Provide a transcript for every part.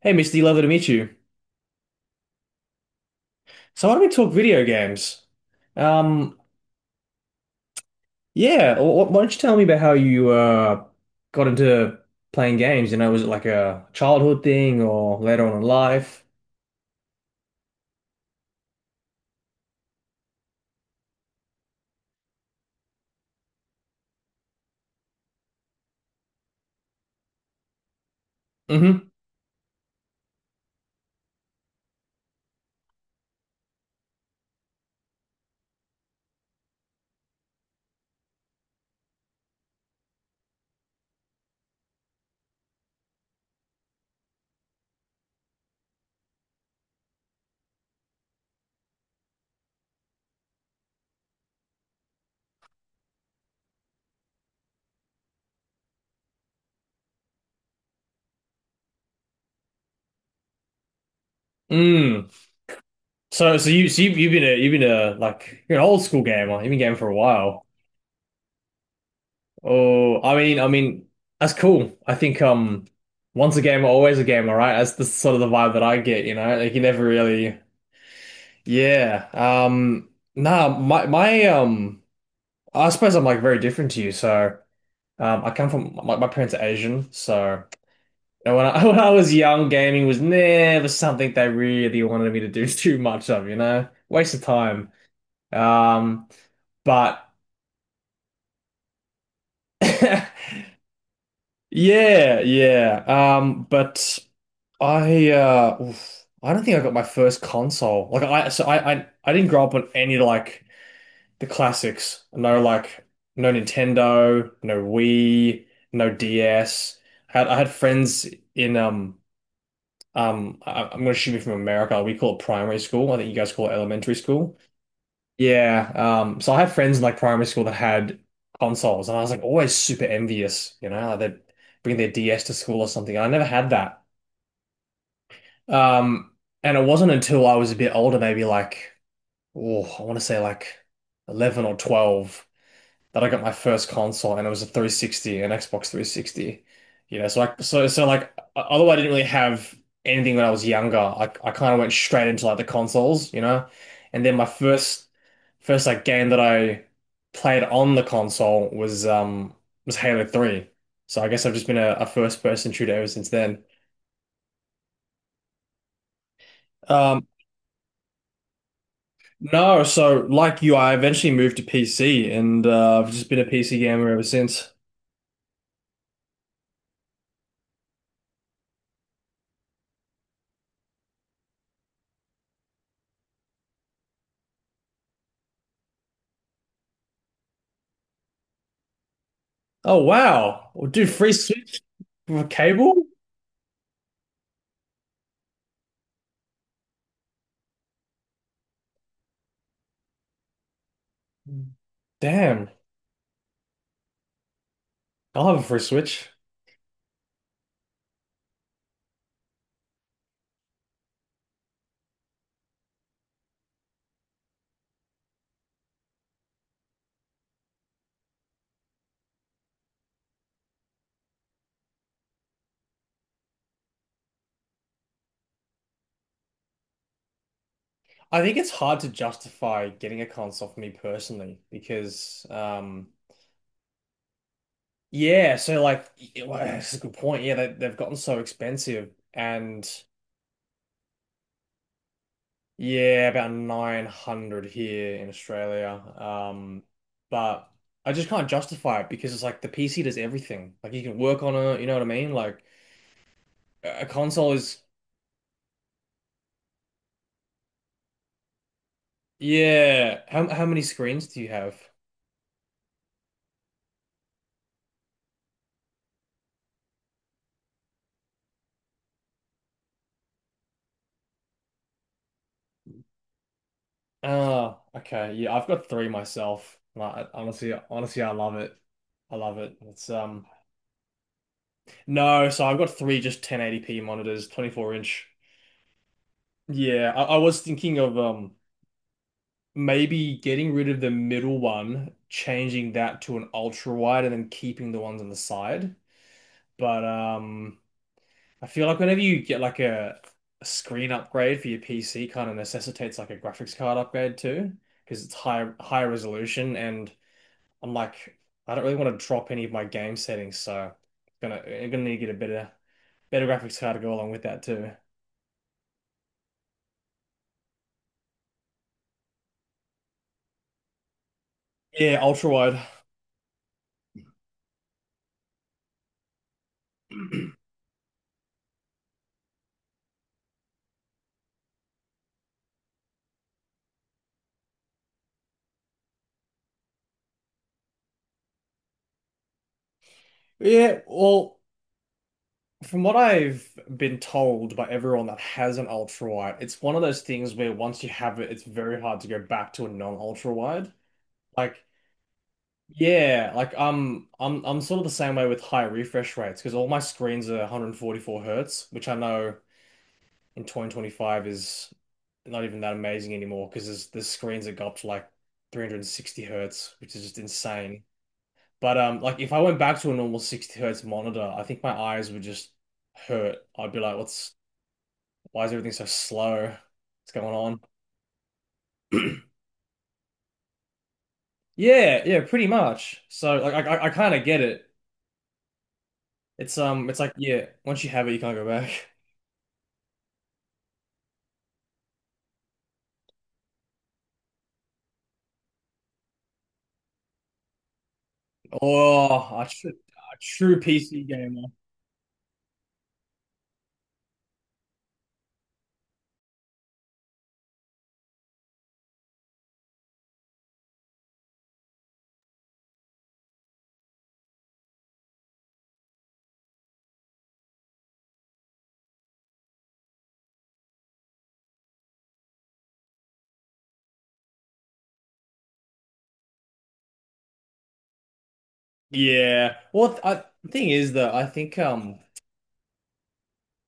Hey, Mr. D, lovely to meet you. So, why don't we talk video games? Um, yeah, why don't you tell me about how you got into playing games? You know, was it like a childhood thing or later on in life? Mm-hmm. Mm. So you've been a like you're an old school gamer. You've been gaming for a while. Oh, that's cool. I think once a gamer, always a gamer, right? That's the sort of the vibe that I get. You know, like you never really. Yeah. Nah, my I suppose I'm like very different to you. So I come from my parents are Asian, so and when I when I was young, gaming was never something they really wanted me to do too much of, you know? Waste of time. Um but yeah, yeah. But I don't think I got my first console. Like I so I didn't grow up on any like the classics. No like no Nintendo, no Wii, no DS. I had friends in I'm gonna assume you're from America. We call it primary school. I think you guys call it elementary school. Yeah. So I had friends in like primary school that had consoles, and I was like always super envious. You know, like they'd bring their DS to school or something. I never had that. Um. And it wasn't until I was a bit older, maybe like oh, I want to say like 11 or 12 that I got my first console, and it was a 360, an Xbox 360. You know, so although I didn't really have anything when I was younger, I kind of went straight into like the consoles, you know. And then my first first like game that I played on the console was Halo 3. So I guess I've just been a first person shooter ever since then. Um no, so like you, I eventually moved to PC and I've just been a PC gamer ever since. Oh wow. Well, dude, free Switch with a cable? Damn. I'll have a free Switch. I think it's hard to justify getting a console for me personally because yeah, so well, that's a good point. Yeah, they've gotten so expensive, and yeah, about 900 here in Australia. Um but I just can't justify it because it's like the PC does everything. Like you can work on it, you know what I mean? Like a console is yeah. How many screens do you have? Oh, okay. Yeah, I've got three myself. Like, honestly, I love it. I love it. It's no, so I've got three just 1080p monitors, 24 inch. Yeah, I was thinking of maybe getting rid of the middle one, changing that to an ultra wide, and then keeping the ones on the side. But I feel like whenever you get like a screen upgrade for your PC, kind of necessitates like a graphics card upgrade too, because it's higher resolution and I'm like, I don't really want to drop any of my game settings, so gonna I'm gonna need to get a better graphics card to go along with that too. Yeah, ultra wide. Yeah, well, from what I've been told by everyone that has an ultra wide, it's one of those things where once you have it, it's very hard to go back to a non-ultra wide. Like, yeah, like I'm sort of the same way with high refresh rates because all my screens are 144 hertz, which I know in 2025 is not even that amazing anymore because there's the screens that go up to like 360 hertz, which is just insane. But like if I went back to a normal 60 hertz monitor, I think my eyes would just hurt. I'd be like, what's why is everything so slow? What's going on? Yeah, yeah, pretty much. So like I kind of get it. It's like yeah, once you have it, you can't go back. Oh, a true PC gamer. Yeah. Well, the thing is that I think um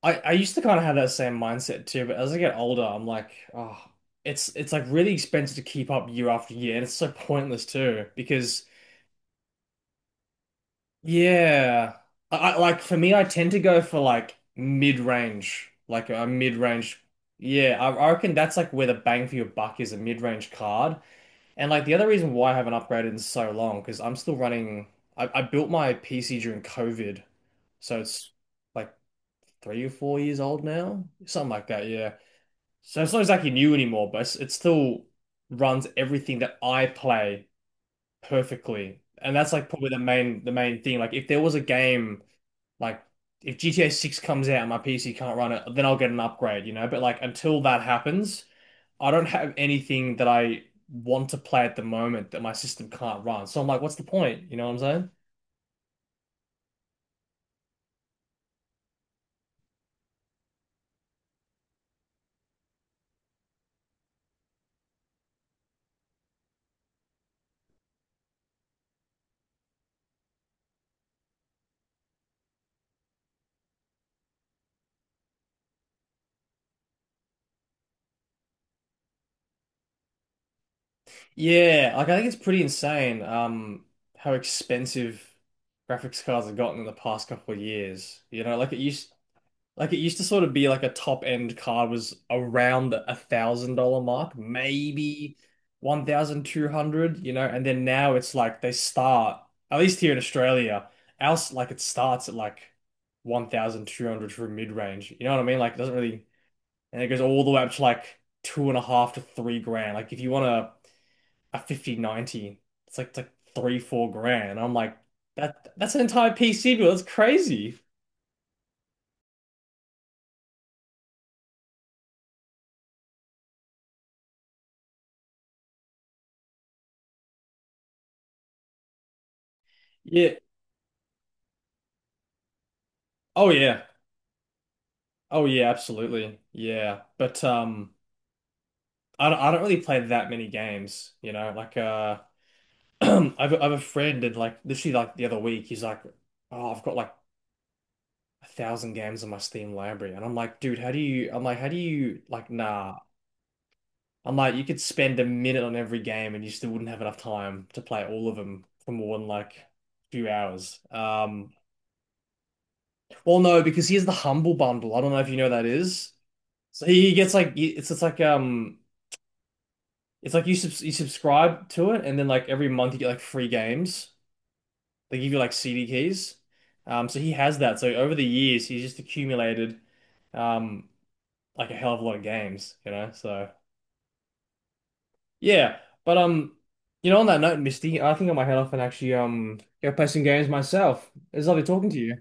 I, I used to kind of have that same mindset too, but as I get older, I'm like, oh, it's like really expensive to keep up year after year, and it's so pointless too because yeah, I like for me, I tend to go for like a mid-range. Yeah, I reckon that's like where the bang for your buck is a mid-range card, and like the other reason why I haven't upgraded in so long because I'm still running. I built my PC during COVID, so it's like 3 or 4 years old now, something like that. Yeah. So it's not exactly new anymore, but it still runs everything that I play perfectly. And that's like probably the main thing. Like if there was a game like if GTA 6 comes out and my PC can't run it, then I'll get an upgrade, you know? But like until that happens, I don't have anything that I want to play at the moment that my system can't run. So I'm like, what's the point? You know what I'm saying? Yeah, like I think it's pretty insane how expensive graphics cards have gotten in the past couple of years. You know, like it used to sort of be like a top end card was around the $1,000 mark, maybe 1,200, you know, and then now it's like at least here in Australia, like it starts at like 1,200 for mid range. You know what I mean? Like it doesn't really, and it goes all the way up to like two and a half to 3 grand. Like if you want a 5090, it's like three, 4 grand. And I'm like, that's an entire PC bill. That's crazy. Yeah. Oh yeah. Oh yeah, absolutely. Yeah. But I don't really play that many games, you know. Like I've a friend, and like literally like the other week he's like, "Oh, I've got like a thousand games in my Steam library." And I'm like, "Dude, how do you I'm like, how do you like nah." I'm like, "You could spend a minute on every game and you still wouldn't have enough time to play all of them for more than like a few hours." Well no, because he has the Humble Bundle. I don't know if you know what that is. So he gets like it's like it's like you subscribe to it, and then like every month you get like free games. They give you like CD keys. So he has that. So over the years, he's just accumulated um like a hell of a lot of games, you know. So yeah, but you know, on that note, Misty, I think I might head off and actually go play some games myself. It's lovely talking to you.